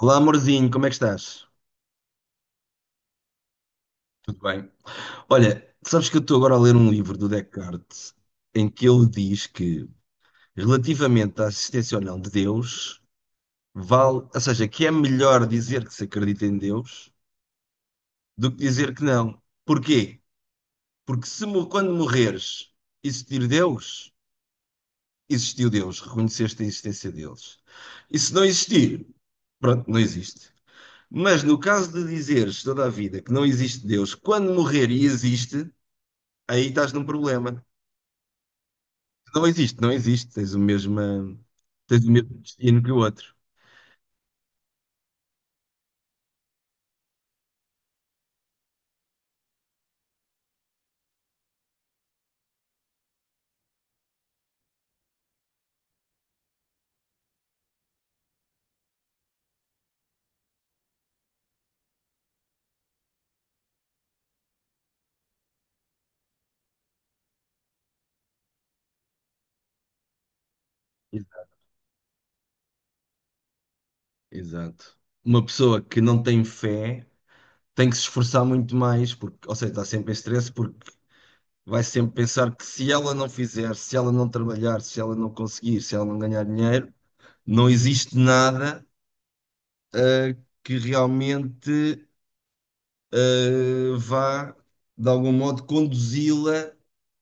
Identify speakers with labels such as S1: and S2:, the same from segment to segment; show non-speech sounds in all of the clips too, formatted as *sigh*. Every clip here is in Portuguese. S1: Olá, amorzinho, como é que estás? Tudo bem? Olha, sabes que eu estou agora a ler um livro do Descartes em que ele diz que, relativamente à existência ou não de Deus, vale, ou seja, que é melhor dizer que se acredita em Deus do que dizer que não. Porquê? Porque se mo- quando morreres existir Deus, existiu Deus, reconheceste a existência deles. E se não existir, pronto, não existe. Mas no caso de dizeres toda a vida que não existe Deus, quando morrer e existe, aí estás num problema. Não existe, não existe. Tens o mesmo destino que o outro. Exa- Exato. Uma pessoa que não tem fé tem que se esforçar muito mais, porque, ou seja, está sempre em stress porque vai sempre pensar que se ela não fizer, se ela não trabalhar, se ela não conseguir, se ela não ganhar dinheiro, não existe nada, eh, que realmente, eh, vá, de algum modo, conduzi-la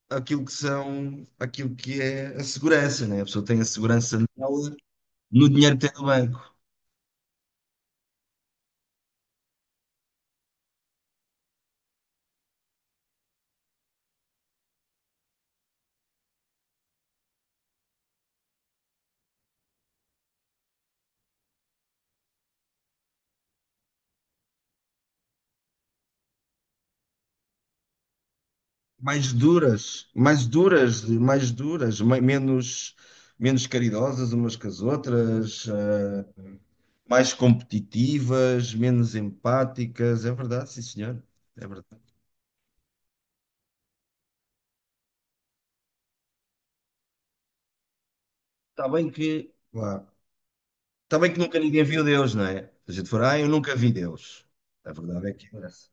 S1: aquilo que são, aquilo que é a segurança, né? A pessoa tem a segurança nela, no dinheiro que tem no banco. Mais duras, mais duras, mais duras, menos, menos caridosas umas que as outras, eh, mais competitivas, menos empáticas. É verdade, sim, senhor. É verdade. Está bem que, claro, está bem que nunca ninguém viu Deus, não é? Se a gente for, ah, eu nunca vi Deus. A verdade é que é essa.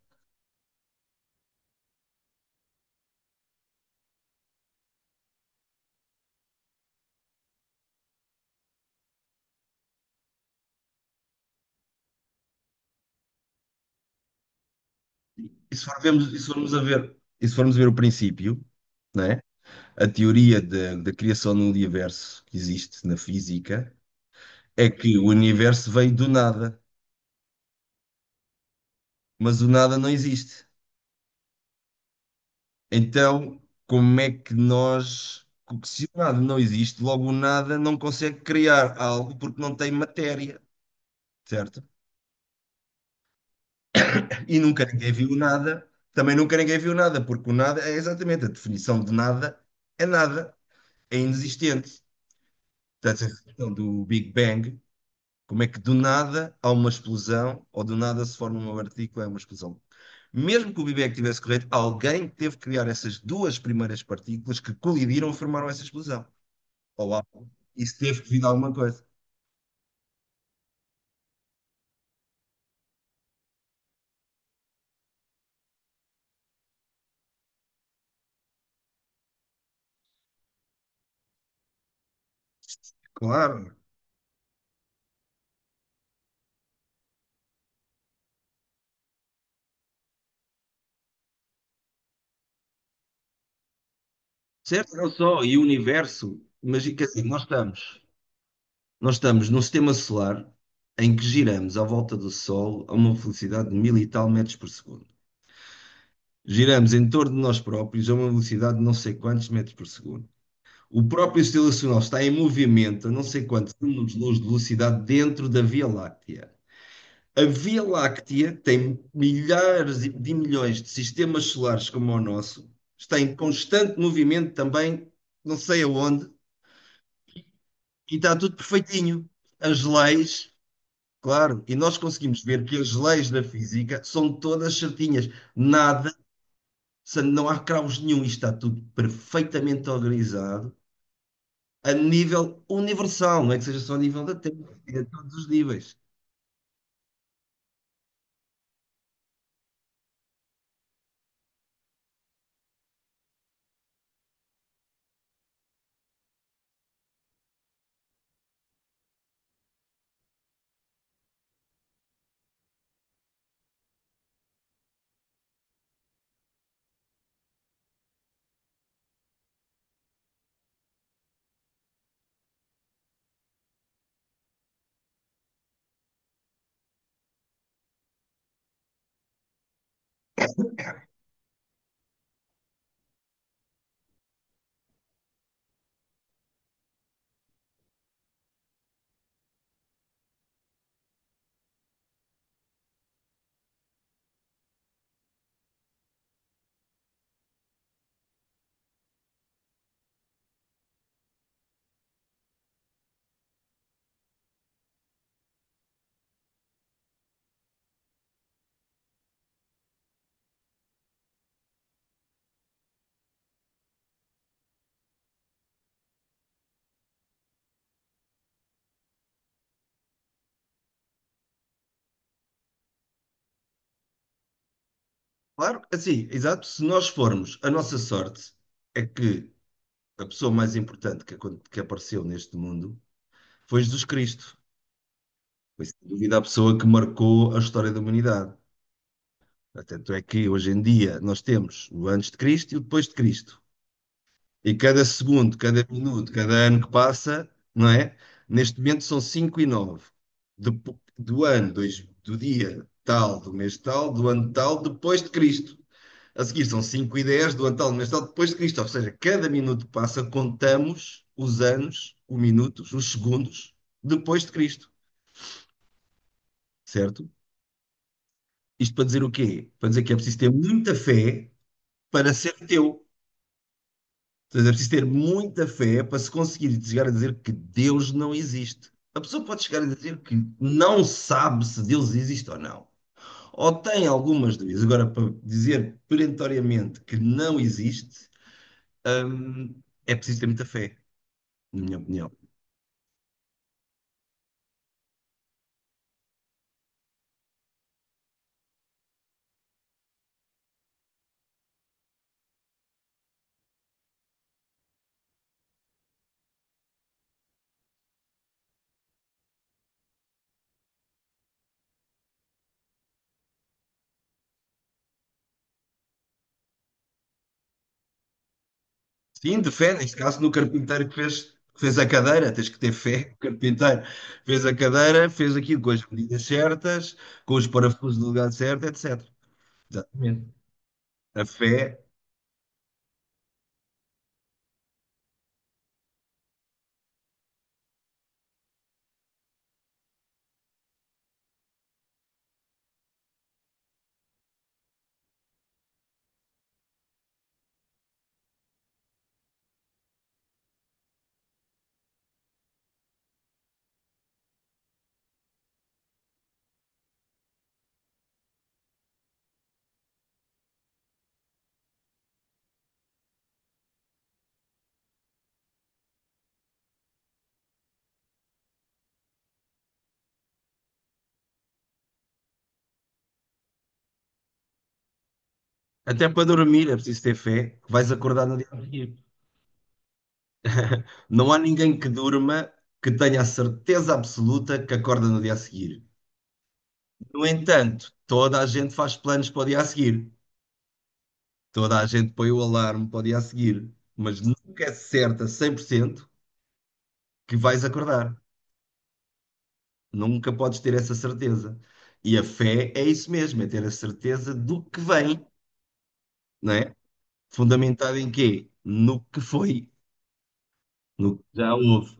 S1: E se formos a ver, e se formos a ver o princípio, não é? A teoria da criação do universo que existe na física é que o universo veio do nada, mas o nada não existe. Então, como é que nós, se o nada não existe, logo o nada não consegue criar algo porque não tem matéria, certo? E nunca ninguém viu nada, também nunca ninguém viu nada, porque o nada é exatamente a definição de nada, é nada, é inexistente. Portanto, a questão do Big Bang: como é que do nada há uma explosão ou do nada se forma uma partícula, é uma explosão. Mesmo que o Big Bang tivesse correto, alguém teve que criar essas duas primeiras partículas que colidiram e formaram essa explosão. Olá, isso teve que vir de alguma coisa. Claro. Certo? Não só, e o universo. Imagina que assim, nós estamos num sistema solar em que giramos à volta do Sol a uma velocidade de mil e tal metros por segundo. Giramos em torno de nós próprios a uma velocidade de não sei quantos metros por segundo. O próprio sistema solar está em movimento a não sei quantos anos-luz de velocidade dentro da Via Láctea. A Via Láctea tem milhares de milhões de sistemas solares como o nosso, está em constante movimento também, não sei aonde, e está tudo perfeitinho. As leis, claro, e nós conseguimos ver que as leis da física são todas certinhas, nada, não há caos nenhum, isto está tudo perfeitamente organizado a nível universal, não é que seja só a nível da Terra, é a todos os níveis. Claro, assim, exato. Se nós formos, a nossa sorte é que a pessoa mais importante que, que apareceu neste mundo foi Jesus Cristo. Foi, sem dúvida, a pessoa que marcou a história da humanidade. Tanto é que hoje em dia nós temos o antes de Cristo e o depois de Cristo. E cada segundo, cada minuto, cada ano que passa, não é? Neste momento são 5:09, do ano, dois, do dia tal, do mês tal, do ano tal, depois de Cristo. A seguir são 5:10 do ano tal, do mês tal, depois de Cristo. Ou seja, cada minuto que passa, contamos os anos, os minutos, os segundos, depois de Cristo. Certo? Isto para dizer o quê? Para dizer que é preciso ter muita fé para ser teu. Portanto, é preciso ter muita fé para se conseguir chegar a dizer que Deus não existe. A pessoa pode chegar a dizer que não sabe se Deus existe ou não. Ou tem algumas dúvidas. Agora, para dizer perentoriamente que não existe, hum, é preciso ter muita fé, na minha opinião. Sim, de fé, neste caso, no carpinteiro que fez a cadeira, tens que ter fé. O carpinteiro fez a cadeira, fez aquilo com as medidas certas, com os parafusos do lugar certo, etc. Exatamente. A fé. Até para dormir é preciso ter fé que vais acordar no dia a seguir. *laughs* Não há ninguém que durma que tenha a certeza absoluta que acorda no dia a seguir. No entanto, toda a gente faz planos para o dia a seguir. Toda a gente põe o alarme para o dia a seguir. Mas nunca é certa 100%, que vais acordar. Nunca podes ter essa certeza. E a fé é isso mesmo, é ter a certeza do que vem, não é? Fundamentado em quê? No que foi, no que já houve.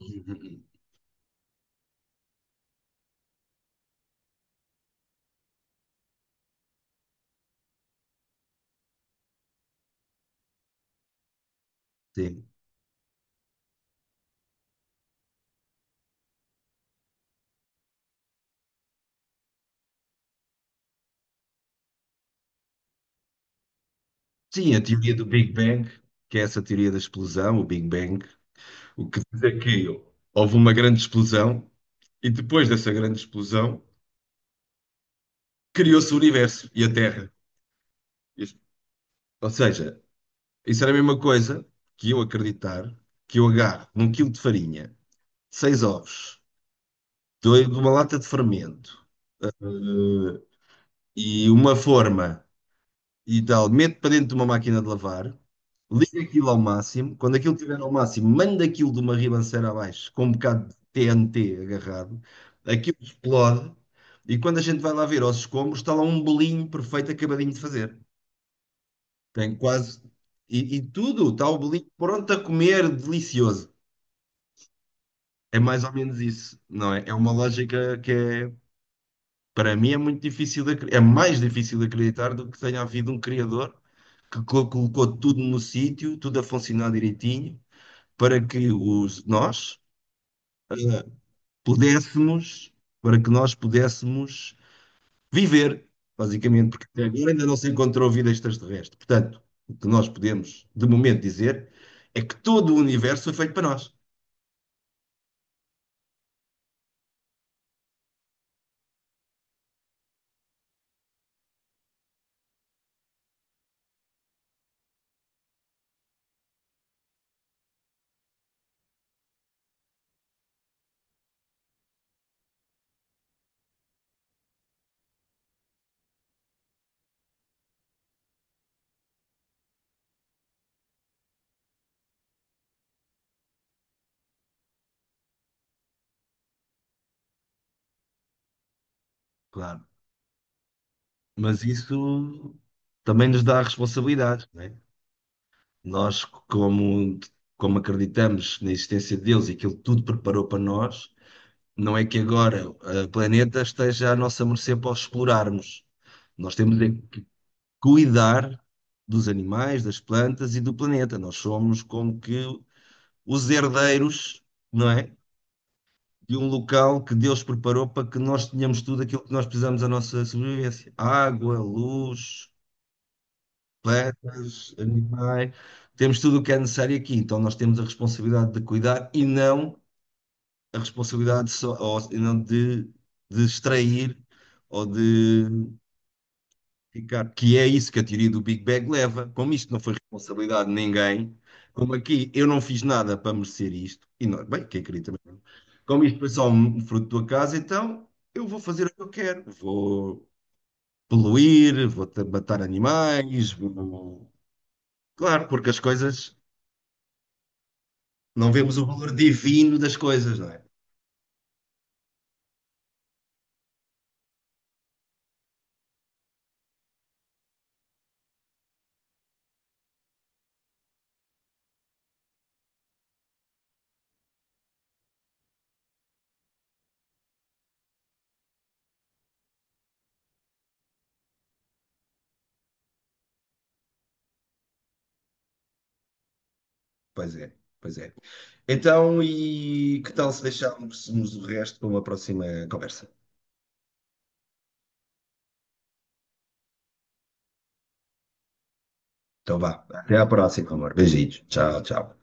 S1: *laughs* Sim. Sim, a teoria do Big Bang, que é essa teoria da explosão, o Big Bang, o que diz é que houve uma grande explosão e depois dessa grande explosão criou-se o universo e a Terra. Isto- ou seja, isso era a mesma coisa que eu acreditar que eu agarro num quilo de farinha, seis ovos, dois de uma lata de fermento eh, e uma forma, e tal, mete para dentro de uma máquina de lavar, liga aquilo ao máximo, quando aquilo estiver ao máximo, manda aquilo de uma ribanceira abaixo, com um bocado de TNT agarrado, aquilo explode, e quando a gente vai lá ver aos escombros, está lá um bolinho perfeito acabadinho de fazer. Tem quase. E tudo, está o bolinho pronto a comer, delicioso. É mais ou menos isso, não é? É uma lógica que é. Para mim é muito difícil, é mais difícil de acreditar do que tenha havido um criador que colocou tudo no sítio, tudo a funcionar direitinho, para que os nós eh, pudéssemos, para que nós pudéssemos viver, basicamente, porque até agora ainda não se encontrou vida extraterrestre. Portanto, o que nós podemos, de momento, dizer é que todo o universo foi feito para nós, claro. Mas isso também nos dá responsabilidades. Nós, como, como acreditamos na existência de Deus e que Ele tudo preparou para nós, não é que agora o planeta esteja à nossa mercê para os explorarmos. Nós temos é cuidar dos animais, das plantas e do planeta. Nós somos como que os herdeiros, não é? De um local que Deus preparou para que nós tenhamos tudo aquilo que nós precisamos à nossa sobrevivência: água, luz, plantas, animais, temos tudo o que é necessário aqui. Então nós temos a responsabilidade de cuidar e não a responsabilidade só, ou, e não de, de extrair ou de ficar. Que é isso que a teoria do Big Bang leva. Como isto não foi responsabilidade de ninguém, como aqui eu não fiz nada para merecer isto, e nós, bem, quem queria também, não. Como isto foi só um fruto da casa, então eu vou fazer o que eu quero. Vou poluir, vou matar animais, vou... Claro, porque as coisas. Não vemos o valor divino das coisas, não é? Pois é, pois é. Então, e que tal se deixarmos o resto para uma próxima conversa? Então vá, até à próxima, amor. Beijinhos. Tchau, tchau.